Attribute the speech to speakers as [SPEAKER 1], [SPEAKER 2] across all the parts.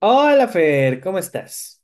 [SPEAKER 1] Hola Fer, ¿cómo estás?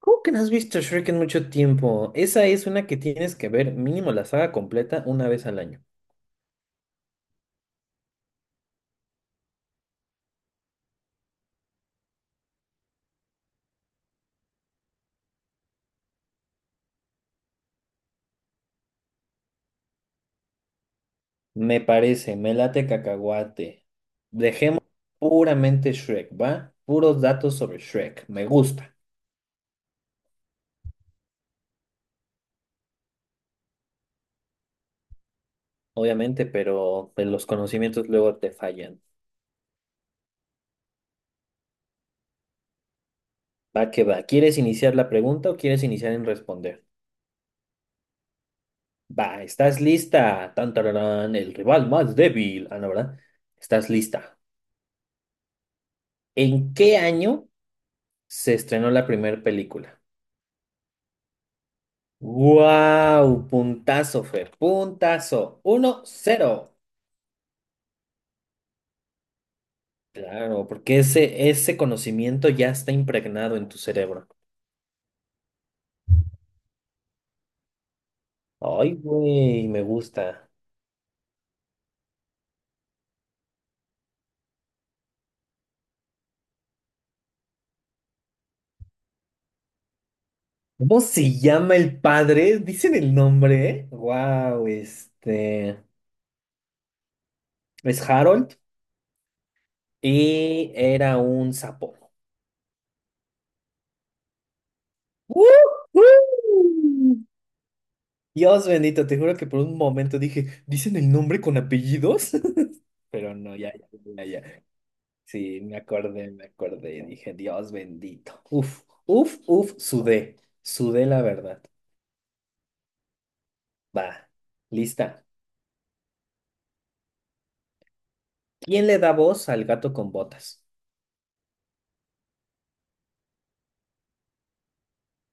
[SPEAKER 1] ¿Cómo que no has visto Shrek en mucho tiempo? Esa es una que tienes que ver mínimo la saga completa una vez al año. Me parece, me late cacahuate. Dejemos puramente Shrek, ¿va? Puros datos sobre Shrek. Me gusta, obviamente, pero pues, los conocimientos luego te fallan. Va que va. ¿Quieres iniciar la pregunta o quieres iniciar en responder? Va, ¿estás lista? Tan, tararán, el rival más débil. Ah, no, ¿verdad? ¿Estás lista? ¿En qué año se estrenó la primera película? ¡Wow! Puntazo, Fer. Puntazo. 1-0. Claro, porque ese conocimiento ya está impregnado en tu cerebro. Ay, güey, me gusta. ¿Cómo se llama el padre? Dicen el nombre. Wow, este. Es Harold y era un sapo. ¡Woohoo! Dios bendito, te juro que por un momento dije, ¿dicen el nombre con apellidos? Pero no, ya, ya, ya, ya. Sí, me acordé, me acordé. Dije, Dios bendito. Uf, uf, uf, sudé. Sudé la verdad. Va, lista. ¿Quién le da voz al gato con botas?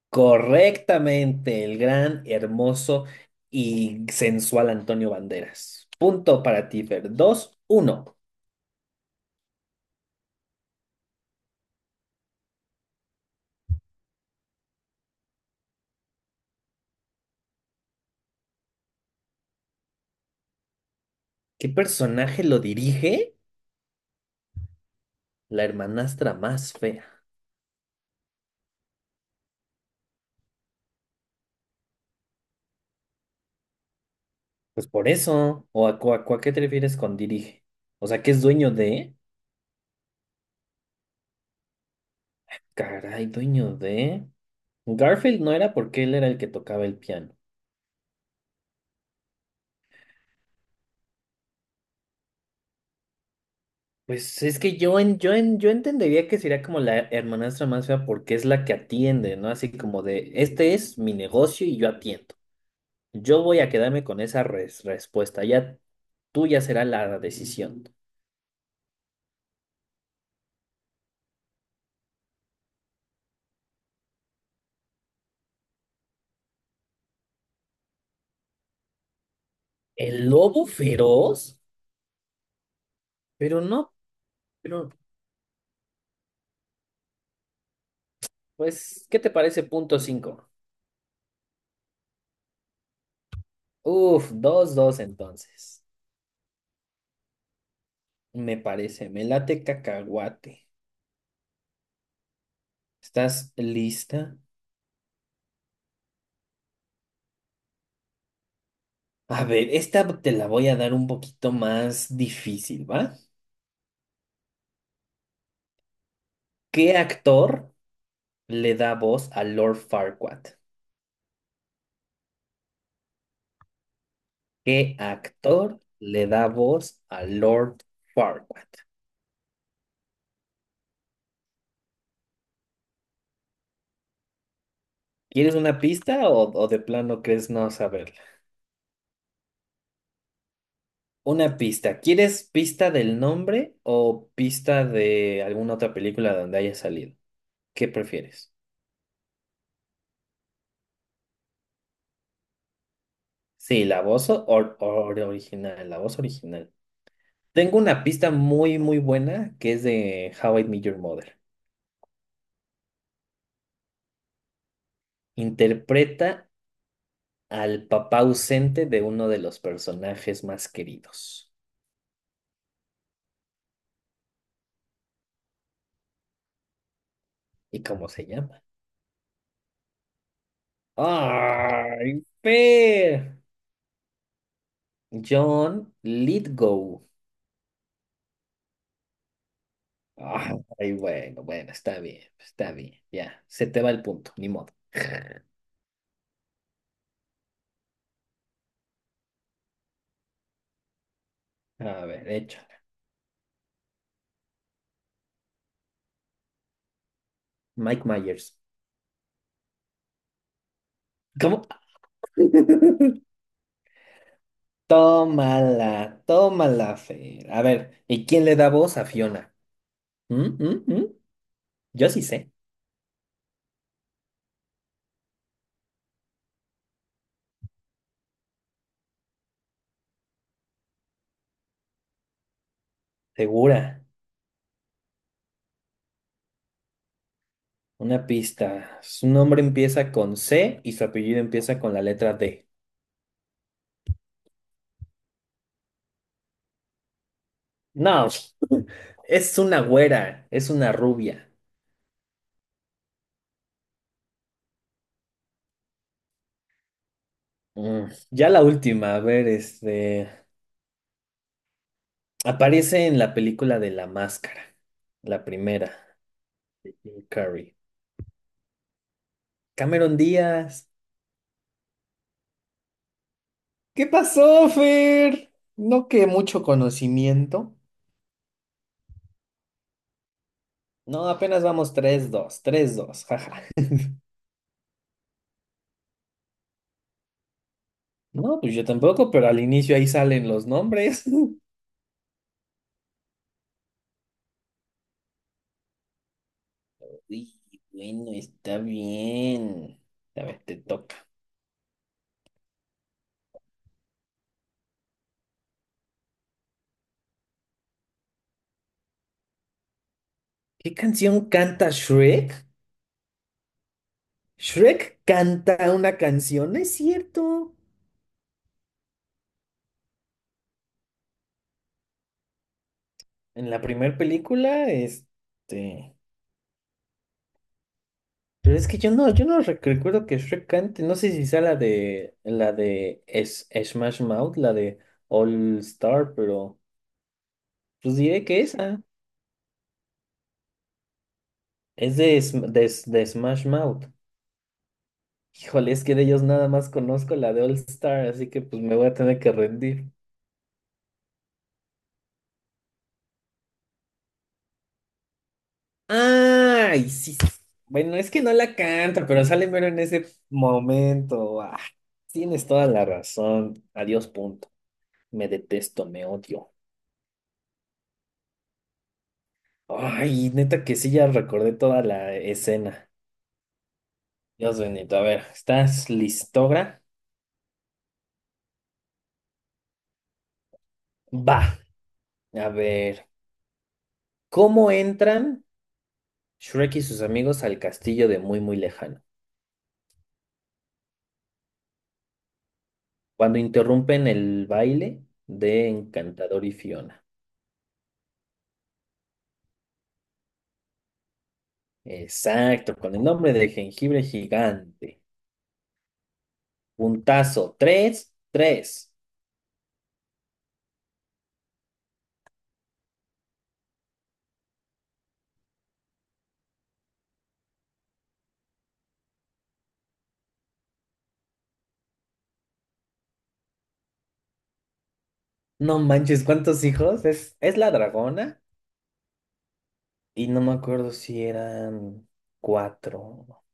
[SPEAKER 1] Correctamente, el gran, hermoso y sensual Antonio Banderas. Punto para ti, Fer. 2-1. ¿Qué personaje lo dirige? La hermanastra más fea. Pues por eso. ¿O a, cu- a cu- a qué te refieres con dirige? O sea, que es dueño de... Caray, dueño de... Garfield no era porque él era el que tocaba el piano. Pues es que yo entendería que sería como la hermanastra más fea porque es la que atiende, ¿no? Así como de, este es mi negocio y yo atiendo. Yo voy a quedarme con esa respuesta, ya tuya será la decisión. El lobo feroz, pero no, pero pues, ¿qué te parece 0.5? Uf, 2-2 entonces. Me parece, me late cacahuate. ¿Estás lista? A ver, esta te la voy a dar un poquito más difícil, ¿va? ¿Qué actor le da voz a Lord Farquaad? ¿Qué actor le da voz a Lord Farquaad? ¿Quieres una pista o de plano crees no saberla? Una pista. ¿Quieres pista del nombre o pista de alguna otra película donde haya salido? ¿Qué prefieres? Sí, la voz original, la voz original. Tengo una pista muy, muy buena que es de How I Met Your Mother. Interpreta al papá ausente de uno de los personajes más queridos. ¿Y cómo se llama? ¡Ay, Fer! John Lithgow. Ay, bueno, bueno, está bien, está bien. Ya, se te va el punto, ni modo. A ver, échala. Mike Myers. ¿Cómo? Tómala, tómala, Fer. A ver, ¿y quién le da voz a Fiona? ¿Mm, mm, mm? Yo sí sé, segura. Una pista. Su nombre empieza con C y su apellido empieza con la letra D. No, es una güera, es una rubia. Mm, ya la última, a ver, este... Aparece en la película de La Máscara, la primera, Jim Carrey. Cameron Díaz. ¿Qué pasó, Fer? No que mucho conocimiento. No, apenas vamos tres, dos, tres, dos. Jaja. No, pues yo tampoco, pero al inicio ahí salen los nombres. Sí, bueno, está bien. A ver, te toca. ¿Qué canción canta Shrek? Shrek canta una canción, ¿no es cierto? En la primera película, este. Pero es que yo no recuerdo que Shrek cante. No sé si sea la de Smash Mouth, la de All Star, pero pues diré que esa. Es de, Sm- de, S- de Smash Mouth. Híjole, es que de ellos nada más conozco la de All Star, así que pues me voy a tener que rendir. Ay, sí. Sí. Bueno, es que no la canta, pero sale mero en ese momento. Ah, tienes toda la razón. Adiós, punto. Me detesto, me odio. Ay, neta que sí, ya recordé toda la escena. Dios bendito. A ver, ¿estás listogra? Va. A ver, ¿cómo entran Shrek y sus amigos al castillo de muy, muy lejano? Cuando interrumpen el baile de Encantador y Fiona. Exacto, con el nombre de jengibre gigante. Puntazo. 3-3. No manches, ¿cuántos hijos? Es la dragona. Y no me acuerdo si eran cuatro.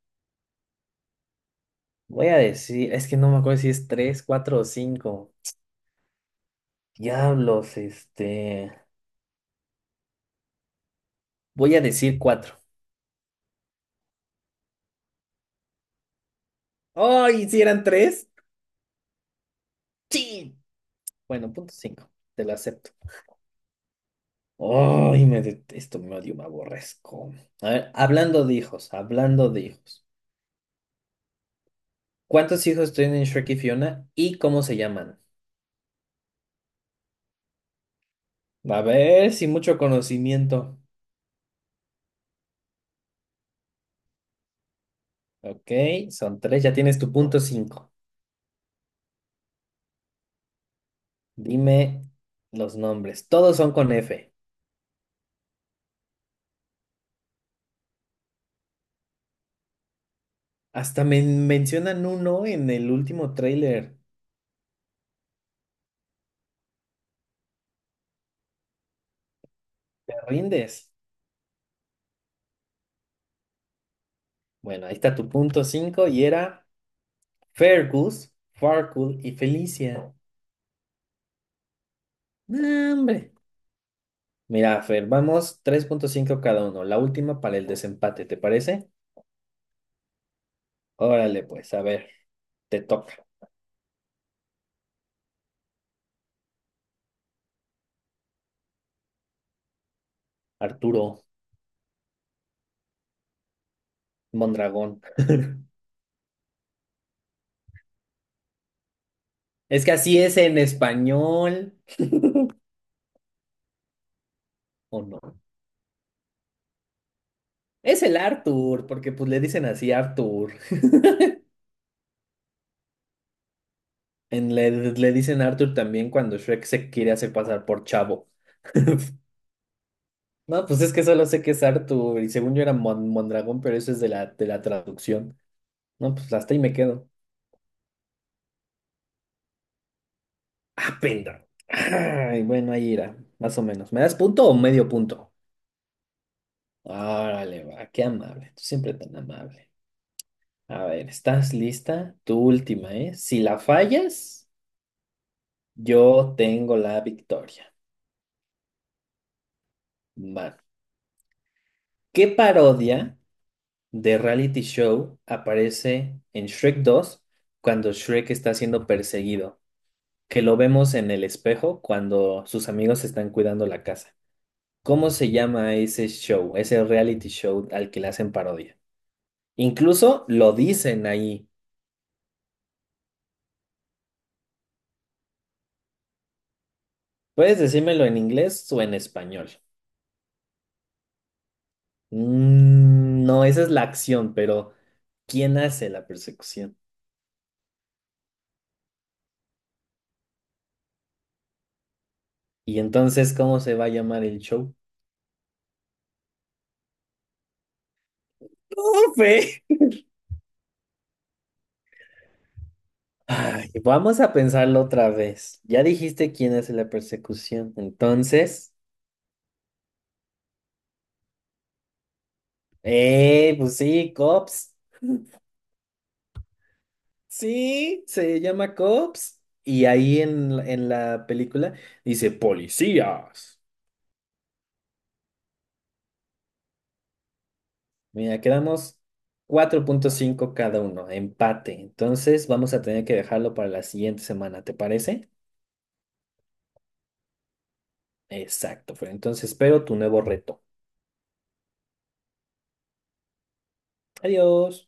[SPEAKER 1] Voy a decir, es que no me acuerdo si es tres, cuatro o cinco. Diablos, este. Voy a decir cuatro. ¡Ay! ¿Si eran tres? Sí. Bueno, 0.5. Te lo acepto. ¡Ay! Me detesto, me odio, me aborrezco. A ver, hablando de hijos, hablando de hijos. ¿Cuántos hijos tienen Shrek y Fiona y cómo se llaman? A ver, sin mucho conocimiento. Ok, son tres, ya tienes tu 0.5. Dime los nombres. Todos son con F. Hasta me mencionan uno en el último tráiler. ¿Te rindes? Bueno, ahí está tu 0.5 y era Fergus, Farkul y Felicia. ¡No, hombre! Mira, Fer, vamos 3.5 cada uno. La última para el desempate, ¿te parece? Órale, pues, a ver, te toca. Arturo Mondragón. Es que así es en español. ¿O no? Es el Arthur, porque pues le dicen así Arthur. Le dicen Arthur también cuando Shrek se quiere hacer pasar por Chavo. No, pues es que solo sé que es Arthur y según yo era Mondragón, pero eso es de la traducción. No, pues hasta ahí me quedo. Ah, penda. Ay, bueno, ahí irá, más o menos. ¿Me das punto o medio punto? Órale, va, qué amable. Tú siempre tan amable. A ver, ¿estás lista? Tu última, ¿eh? Si la fallas, yo tengo la victoria. Va. ¿Qué parodia de reality show aparece en Shrek 2 cuando Shrek está siendo perseguido? Que lo vemos en el espejo cuando sus amigos están cuidando la casa. ¿Cómo se llama ese show, ese reality show al que le hacen parodia? Incluso lo dicen ahí. Puedes decírmelo en inglés o en español. Mm, no, esa es la acción, pero ¿quién hace la persecución? Y entonces, ¿cómo se va a llamar el show? ¡Profe! Ay, vamos a pensarlo otra vez. Ya dijiste quién es la persecución. Entonces, pues sí, Cops. Sí, se llama Cops. Y ahí en en la película dice policías. Mira, quedamos 4.5 cada uno, empate. Entonces, vamos a tener que dejarlo para la siguiente semana, ¿te parece? Exacto, Fer. Entonces, espero tu nuevo reto. Adiós.